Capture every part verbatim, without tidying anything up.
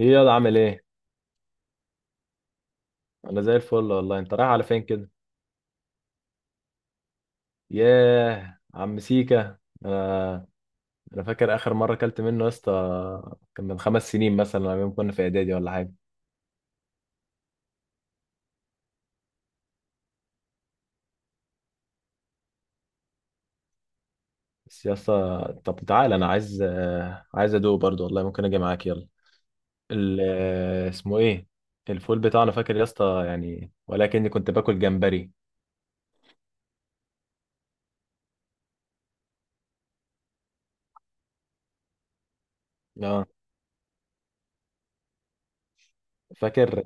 ايه، يلا عامل ايه؟ انا زي الفل والله. انت رايح على فين كده؟ ياه، عم سيكا. انا انا فاكر اخر مره اكلت منه يا اسطى، كان من خمس سنين مثلا لما كنا في اعدادي ولا حاجه. بس يا اسطى طب تعالى، انا عايز آه، عايز ادوق برضه والله. ممكن اجي معاك؟ يلا. ال- آه، اسمه ايه؟ الفول بتاعنا، فاكر يا اسطى يعني، ولكني كنت باكل جمبري. اه فاكر.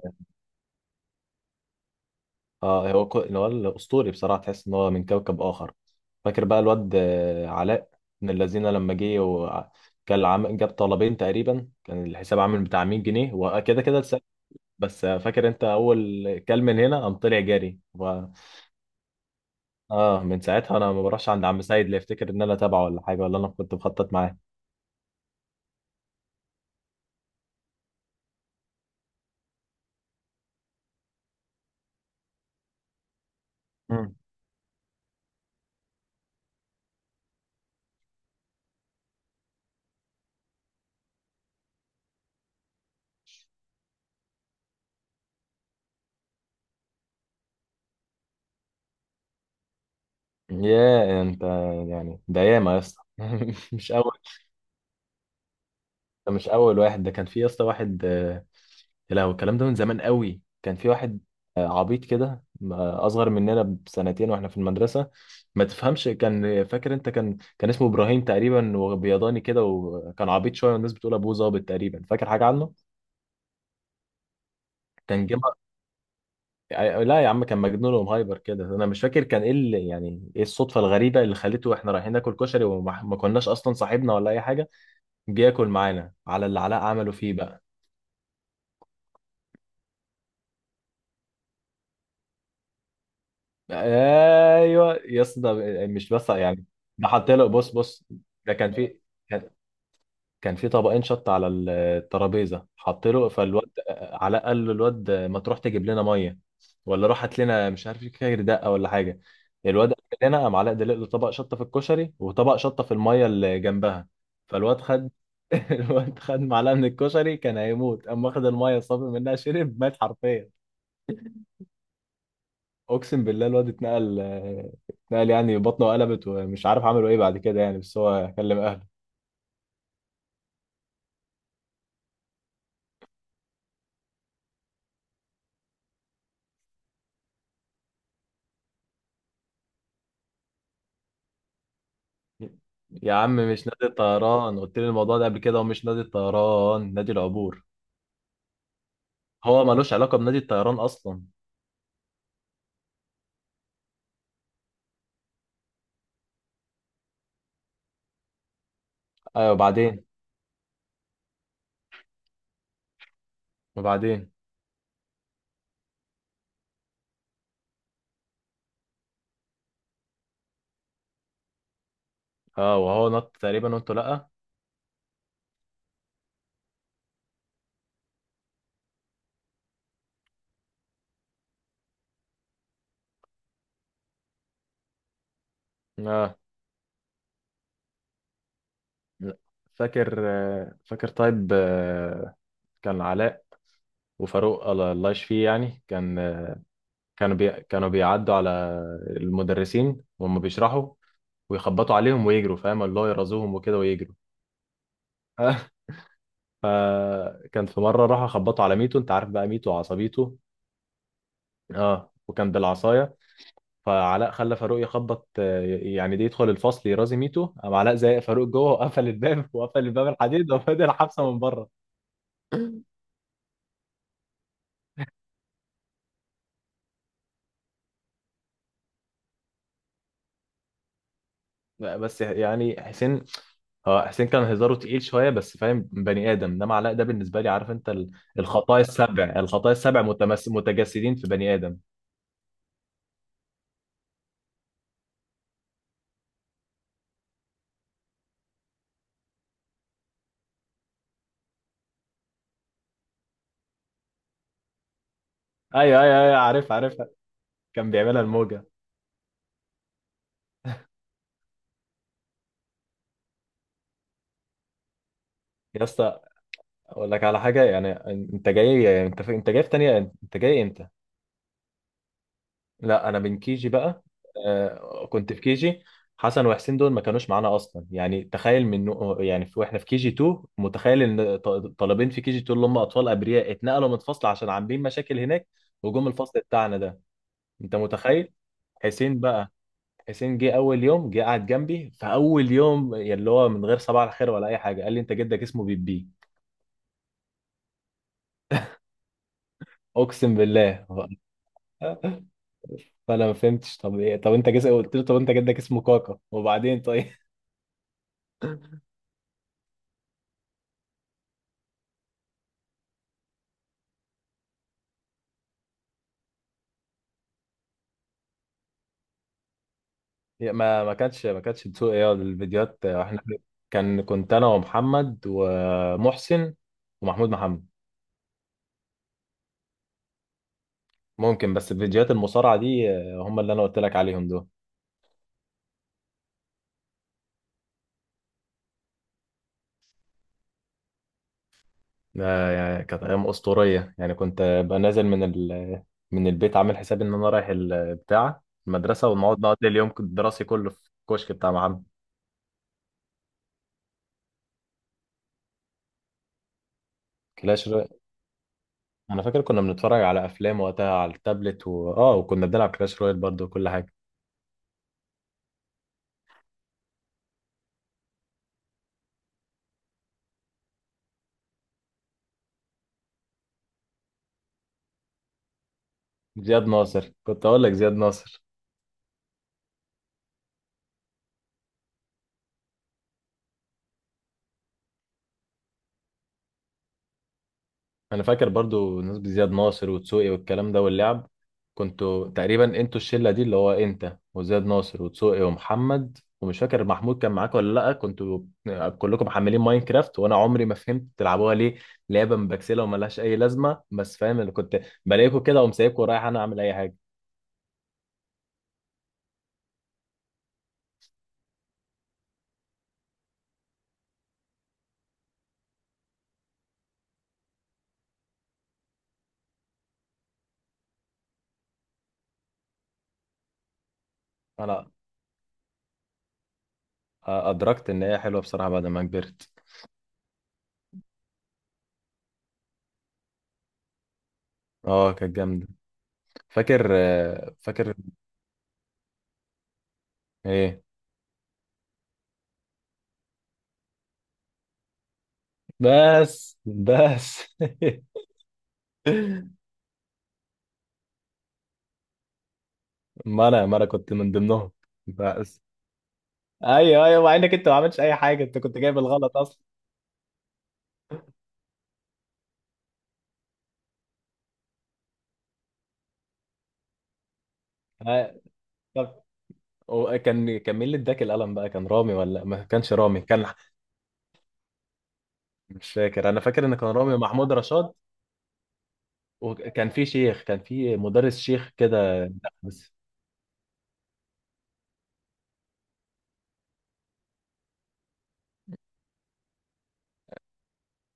اه، هو كو... هو الاسطوري بصراحه، تحس ان هو من كوكب اخر. فاكر بقى الواد آه، علاء؟ من الذين لما جه وكان عم... جاب طلبين تقريبا، كان الحساب عامل بتاع مية جنيه وكده كده لسه. بس آه، فاكر انت اول كلمه من هنا قام طلع جري و... اه، من ساعتها انا ما بروحش عند عم سيد، لا يفتكر ان انا تابعه ولا حاجه ولا انا كنت بخطط معاه. مم. يا انت، يعني ده ياما يا اسطى مش اول. ده مش اول واحد، ده كان في يا اسطى واحد آه، لا، هو الكلام ده من زمان قوي. كان في واحد آه، عبيط كده، آه، اصغر مننا بسنتين واحنا في المدرسه، ما تفهمش. كان فاكر انت، كان كان اسمه ابراهيم تقريبا، وبيضاني كده، وكان عبيط شويه، والناس بتقول ابوه ظابط تقريبا، فاكر حاجه عنه. كان جه مر- لا يا عم، كان مجنون ومهايبر كده. انا مش فاكر كان ايه اللي، يعني ايه الصدفه الغريبه اللي خليته احنا رايحين ناكل كشري وما ما كناش اصلا صاحبنا ولا اي حاجه، جه ياكل معانا على اللي علاء عمله فيه بقى. ايوه يا اسطى، ده مش بس يعني. ده حط له، بص بص، ده كان في، كان، كان في طبقين شط على الترابيزه، حط له. فالواد علاء قال له الواد: ما تروح تجيب لنا ميه، ولا روح هات لنا مش عارف كاير دقه ولا حاجه. الواد قال لنا، قام علاء دلق له طبق شطه في الكشري وطبق شطه في الميه اللي جنبها. فالواد خد، الواد خد معلقه من الكشري كان هيموت، قام واخد الميه صافي منها شرب، مات حرفيا. اقسم بالله الواد اتنقل، آه، اتنقل يعني، بطنه قلبت ومش عارف عملوا ايه بعد كده يعني، بس هو كلم اهله. يا عم مش نادي الطيران، قلت لي الموضوع ده قبل كده. ومش نادي الطيران، نادي العبور. هو ملوش علاقة بنادي الطيران اصلا. ايوه وبعدين؟ وبعدين؟ اه، وهو نط تقريبا وانتوا لا. اه. لا. فاكر، آه، فاكر طيب، آه، كان علاء وفاروق، الله الله يشفيه يعني، كان آه، كانوا بي... كانوا بيعدوا على المدرسين وهم بيشرحوا، ويخبطوا عليهم ويجروا، فاهم، اللي هو يرازوهم وكده ويجروا. فكان في مره راحوا خبطوا على ميتو، انت عارف بقى ميتو وعصبيته. اه، وكان بالعصايه. فعلاء خلى فاروق يخبط، آه، يعني دي، يدخل الفصل يرازي ميتو، قام علاء زي فاروق جوه وقفل الباب وقفل الباب الحديد وفضل حبسه من بره. بس يعني حسين، اه، حسين كان هزاره تقيل شويه بس، فاهم بني ادم. انما علاء ده بالنسبه لي، عارف انت، ال- الخطايا السبع، الخطايا السبع متمس... متجسدين في بني ادم. ايوه ايوه ايوه، عارف عارف. كان بيعملها الموجه. يا اسطى اقول لك على حاجه، يعني انت جاي، يعني انت في... انت جاي في تانية؟ انت جاي امتى؟ لا انا من كي جي بقى. آه كنت في كي جي. حسن وحسين دول ما كانوش معانا اصلا، يعني تخيل من، يعني في... واحنا في كي جي اتنين، متخيل ان ط- طالبين في كي جي اتنين اللي هم اطفال ابرياء اتنقلوا من الفصل عشان عاملين مشاكل هناك، وجم الفصل بتاعنا ده. انت متخيل؟ حسين بقى، حسين جه اول يوم، جه قعد جنبي، فاول يوم يعني اللي هو من غير صباح الخير ولا اي حاجه، قال لي: انت جدك اسمه بيبي. اقسم بالله. فانا ما فهمتش، طب ايه؟ طب انت جس... قلت له: طب انت جدك اسمه كاكا. وبعدين طيب. يا ما، ما كانش ما كانش بتسوق ايه الفيديوهات احنا. كان كنت انا ومحمد ومحسن، ومحمود محمد. ممكن، بس الفيديوهات المصارعه دي، آه، هم اللي انا قلت لك عليهم دول. ده يعني كانت ايام اسطوريه يعني، كنت ابقى نازل من ال... من البيت عامل حسابي ان انا رايح البتاع، المدرسه، ونقعد نقضي اليوم الدراسي كله في الكشك بتاع محمد. كلاش. انا فاكر كنا بنتفرج على افلام وقتها على التابلت و... اه، وكنا بنلعب كلاش رويال برضو وكل حاجه. زياد ناصر، كنت اقول لك زياد ناصر. انا فاكر برضو نسبة زياد ناصر وتسوقي والكلام ده واللعب، كنتوا تقريبا انتوا الشله دي اللي هو انت وزياد ناصر وتسوقي ومحمد، ومش فاكر محمود كان معاك ولا لا، كنتوا كلكم محملين ماينكرافت، وانا عمري ما فهمت تلعبوها ليه. لعبه مبكسله وملهاش اي لازمه، بس فاهم اللي كنت بلاقيكوا كده وأقوم سايبكوا ورايح انا اعمل اي حاجه. انا ادركت ان هي حلوه بصراحه بعد ما كبرت. اه كانت جامدة. فاكر، آه، فاكر. ايه؟ بس بس. ما انا ما انا كنت من ضمنهم. بس، ايوه ايوه، مع انك انت ما عملتش اي حاجة، انت كنت جايب الغلط اصلا. آه، طب، وكان كان مين اللي اداك القلم بقى؟ كان رامي ولا ما كانش رامي؟ كان مش فاكر. انا فاكر ان كان رامي ومحمود رشاد. وكان في شيخ، كان في مدرس شيخ كده، لا، بس.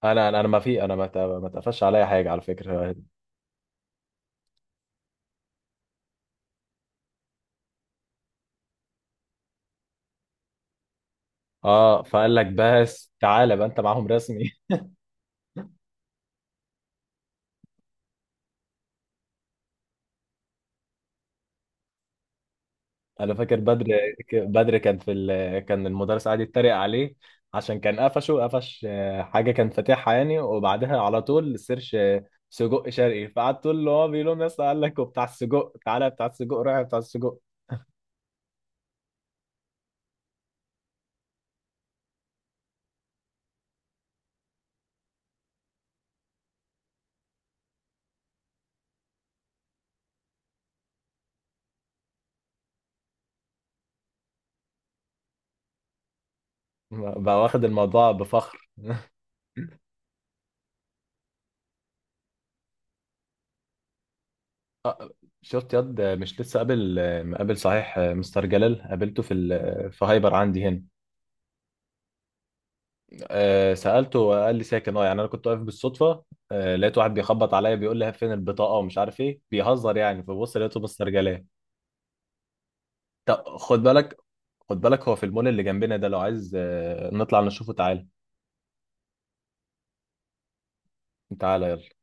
انا انا أنا ما في، انا ما ت- ما اتقفش عليا حاجه على فكره. اه، فقال لك: بس تعالى بقى انت معاهم رسمي. انا فاكر بدر. بدر كان في ال... كان المدرس قاعد يتريق عليه عشان كان قفشه، قفش آه، حاجه كان فاتحها يعني، وبعدها على طول السيرش، آه، سجق شرقي. فقعد تقول له، هو بيقول لهم يا اسطى: قال لك وبتاع السجق، تعالى بتاع السجق، روح بتاع السجق. بقى واخد الموضوع بفخر. شفت ياد؟ مش لسه قابل؟ مقابل صحيح، آه، مستر جلال قابلته في ال... آه، في هايبر عندي هنا. آه، سألته وقال لي ساكن، اه يعني انا كنت واقف بالصدفة، آه، لقيت واحد بيخبط عليا بيقول لي فين البطاقة ومش عارف ايه، بيهزر يعني. فبص لقيته مسترجلاه. طب خد بالك، خد بالك، هو في المول اللي جنبنا ده، لو عايز آه، نطلع نشوفه تعالى. تعالى يلا.